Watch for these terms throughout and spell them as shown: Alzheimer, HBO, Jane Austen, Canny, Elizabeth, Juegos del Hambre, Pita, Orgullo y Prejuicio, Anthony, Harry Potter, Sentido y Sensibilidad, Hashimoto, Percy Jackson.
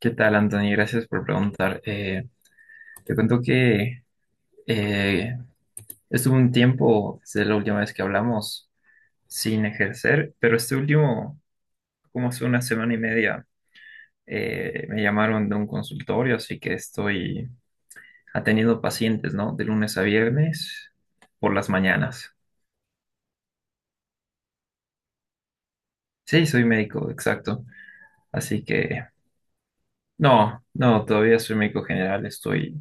¿Qué tal, Anthony? Gracias por preguntar. Te cuento que eh, estuve un tiempo, desde la última vez que hablamos, sin ejercer, pero este último, como hace una semana y media, me llamaron de un consultorio, así que estoy atendiendo pacientes, ¿no? De lunes a viernes por las mañanas. Sí, soy médico, exacto. Así que, no, no, todavía soy médico general, estoy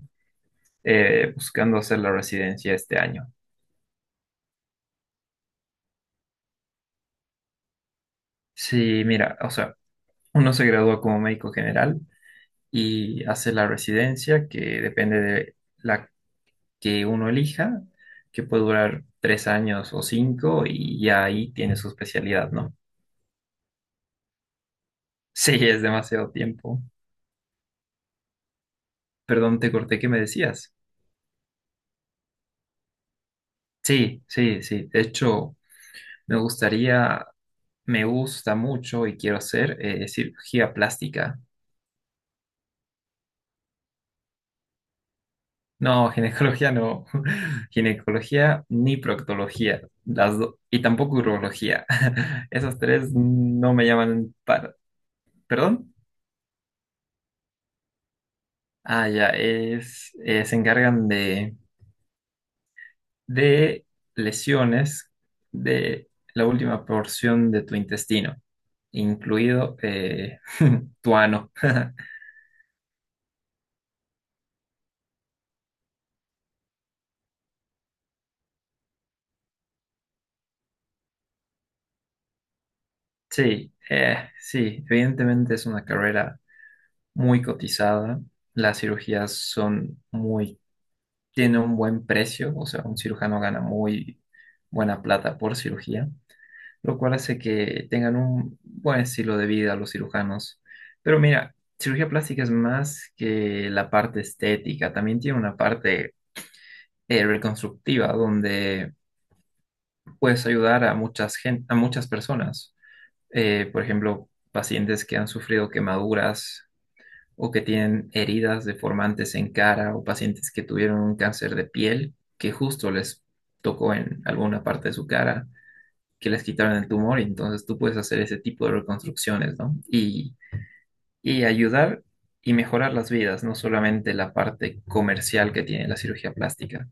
buscando hacer la residencia este año. Sí, mira, o sea... Uno se gradúa como médico general y hace la residencia, que depende de la que uno elija, que puede durar 3 años o cinco, y ya ahí tiene su especialidad, ¿no? Sí, es demasiado tiempo. Perdón, te corté, ¿qué me decías? Sí, sí, sí. De hecho, me gustaría, me gusta mucho y quiero hacer cirugía plástica. No, ginecología no. Ginecología ni proctología. Y tampoco urología. Esas tres no me llaman para. ¿Perdón? Ah, ya. Es, se encargan de lesiones de la última porción de tu intestino, incluido tu ano. Sí, sí, evidentemente es una carrera muy cotizada. Las cirugías son muy tiene un buen precio, o sea, un cirujano gana muy buena plata por cirugía, lo cual hace que tengan un buen estilo de vida los cirujanos. Pero mira, cirugía plástica es más que la parte estética, también tiene una parte reconstructiva donde puedes ayudar a a muchas personas. Por ejemplo, pacientes que han sufrido quemaduras o que tienen heridas deformantes en cara o pacientes que tuvieron un cáncer de piel que justo les tocó en alguna parte de su cara, que les quitaron el tumor y entonces tú puedes hacer ese tipo de reconstrucciones, ¿no? Y ayudar y mejorar las vidas, no solamente la parte comercial que tiene la cirugía plástica.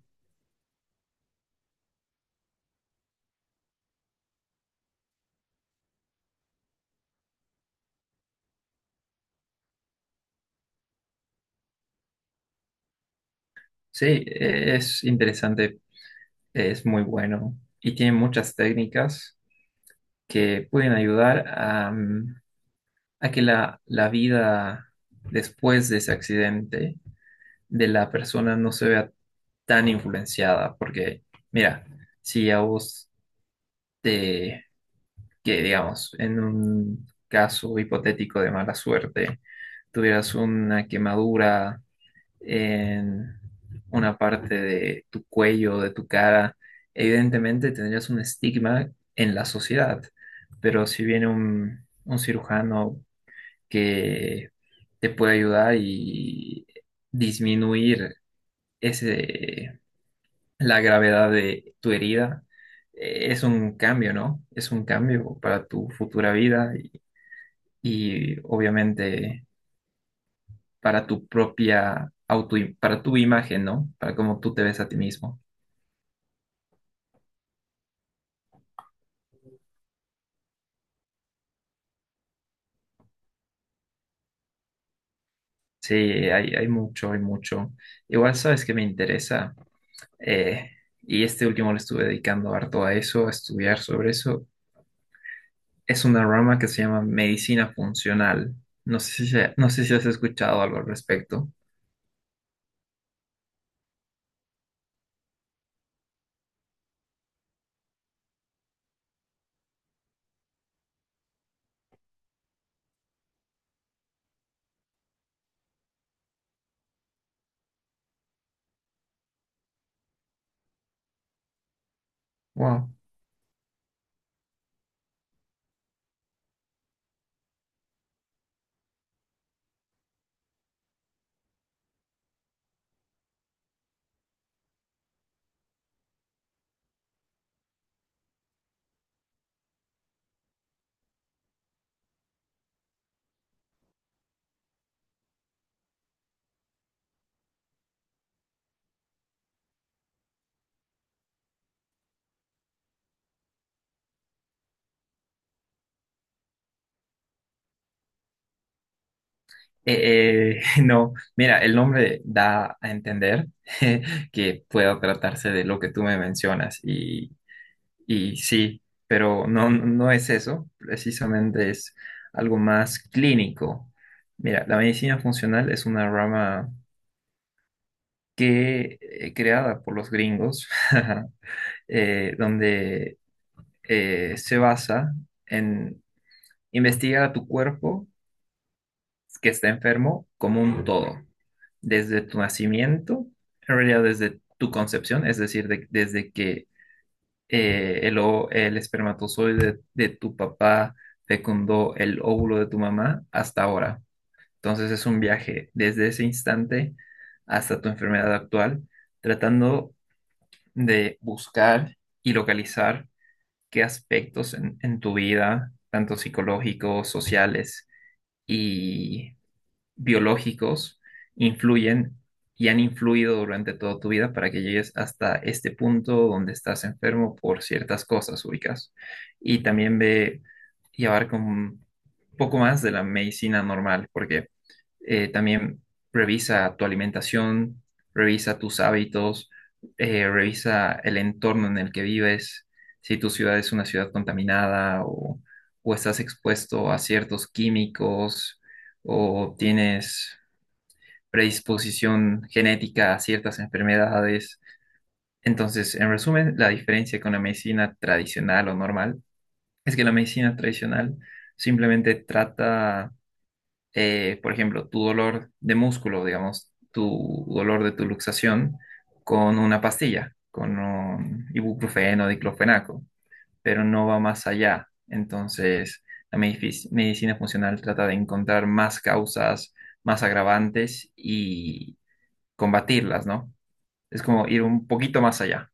Sí, es interesante, es muy bueno y tiene muchas técnicas que pueden ayudar a a que la vida después de ese accidente de la persona no se vea tan influenciada, porque mira, si a vos te, que digamos, en un caso hipotético de mala suerte, tuvieras una quemadura en una parte de tu cuello, de tu cara, evidentemente tendrías un estigma en la sociedad, pero si viene un cirujano que te puede ayudar y disminuir ese, la gravedad de tu herida. Es un cambio, ¿no? Es un cambio para tu futura vida y obviamente para para tu imagen, ¿no? Para cómo tú te ves a ti mismo. Sí, hay mucho, hay mucho. Igual sabes que me interesa, eh, y este último le estuve dedicando harto a eso, a estudiar sobre eso. Es una rama que se llama medicina funcional. No sé si, no sé si has escuchado algo al respecto. Wow. No, mira, el nombre da a entender que pueda tratarse de lo que tú me mencionas y sí, pero no, no es eso, precisamente es algo más clínico. Mira, la medicina funcional es una rama que creada por los gringos, donde se basa en investigar a tu cuerpo que está enfermo como un todo, desde tu nacimiento, en realidad desde tu concepción, es decir, desde que el espermatozoide de tu papá fecundó el óvulo de tu mamá hasta ahora. Entonces es un viaje desde ese instante hasta tu enfermedad actual, tratando de buscar y localizar qué aspectos en tu vida, tanto psicológicos, sociales y biológicos, influyen y han influido durante toda tu vida para que llegues hasta este punto donde estás enfermo por ciertas cosas ubicas. Y también ve y abarca un poco más de la medicina normal, porque también revisa tu alimentación, revisa tus hábitos, revisa el entorno en el que vives, si tu ciudad es una ciudad contaminada o estás expuesto a ciertos químicos o tienes predisposición genética a ciertas enfermedades. Entonces, en resumen, la diferencia con la medicina tradicional o normal es que la medicina tradicional simplemente trata por ejemplo, tu dolor de músculo, digamos, tu dolor de tu luxación con una pastilla, con un ibuprofeno, diclofenaco, pero no va más allá. Entonces, medicina funcional trata de encontrar más causas, más agravantes y combatirlas, ¿no? Es como ir un poquito más allá.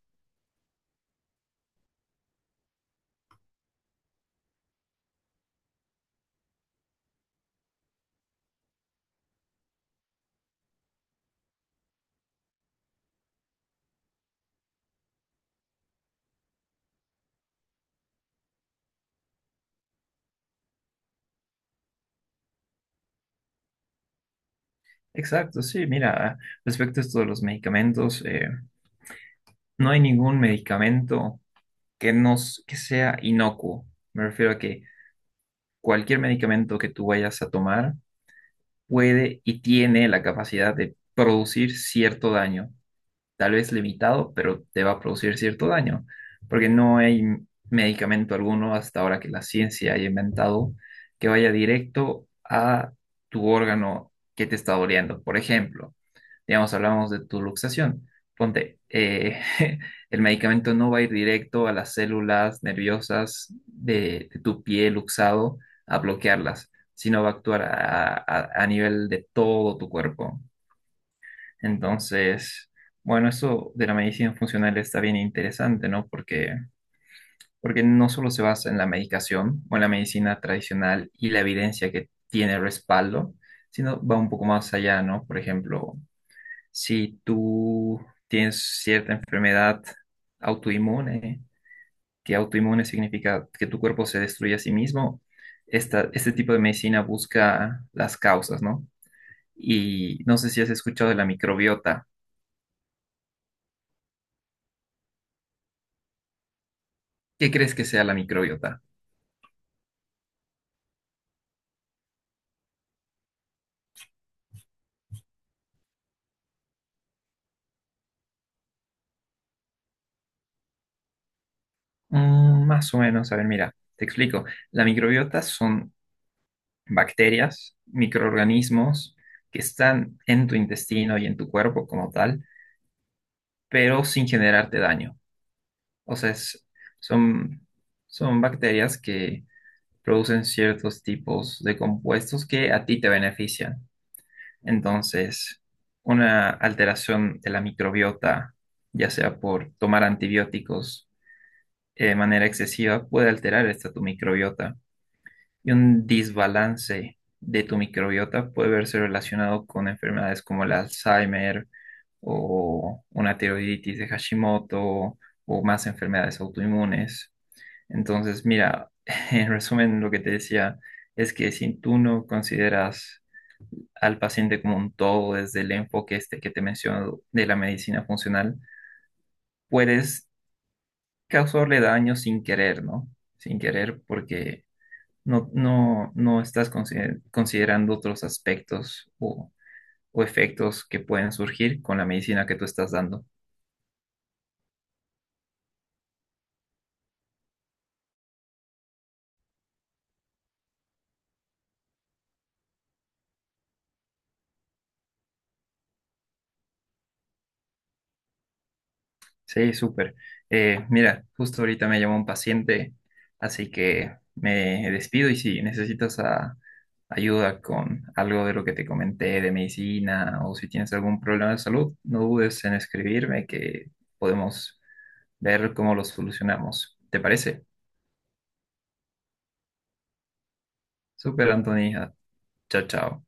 Exacto, sí, mira, respecto a esto de los medicamentos, no hay ningún medicamento que sea inocuo. Me refiero a que cualquier medicamento que tú vayas a tomar puede y tiene la capacidad de producir cierto daño tal vez limitado, pero te va a producir cierto daño, porque no hay medicamento alguno hasta ahora que la ciencia haya inventado que vaya directo a tu órgano que te está doliendo. Por ejemplo, digamos, hablamos de tu luxación. Ponte, el medicamento no va a ir directo a las células nerviosas de tu pie luxado a bloquearlas, sino va a actuar a, a nivel de todo tu cuerpo. Entonces, bueno, eso de la medicina funcional está bien interesante, ¿no? Porque, porque no solo se basa en la medicación o en la medicina tradicional y la evidencia que tiene respaldo, sino va un poco más allá, ¿no? Por ejemplo, si tú tienes cierta enfermedad autoinmune, que autoinmune significa que tu cuerpo se destruye a sí mismo, este tipo de medicina busca las causas, ¿no? Y no sé si has escuchado de la microbiota. ¿Qué crees que sea la microbiota? Mm, más o menos, a ver, mira, te explico. La microbiota son bacterias, microorganismos que están en tu intestino y en tu cuerpo como tal, pero sin generarte daño. O sea, son, son bacterias que producen ciertos tipos de compuestos que a ti te benefician. Entonces, una alteración de la microbiota, ya sea por tomar antibióticos, de manera excesiva puede alterar esta tu microbiota y un desbalance de tu microbiota puede verse relacionado con enfermedades como el Alzheimer o una tiroiditis de Hashimoto o más enfermedades autoinmunes. Entonces, mira, en resumen, lo que te decía es que si tú no consideras al paciente como un todo desde el enfoque este que te menciono de la medicina funcional, puedes causarle daño sin querer, ¿no? Sin querer porque no estás considerando otros aspectos o efectos que pueden surgir con la medicina que tú estás dando. Sí, súper. Mira, justo ahorita me llamó un paciente, así que me despido y si necesitas ah, ayuda con algo de lo que te comenté de medicina o si tienes algún problema de salud, no dudes en escribirme que podemos ver cómo lo solucionamos. ¿Te parece? Súper, Anthony. Ah, chao, chao.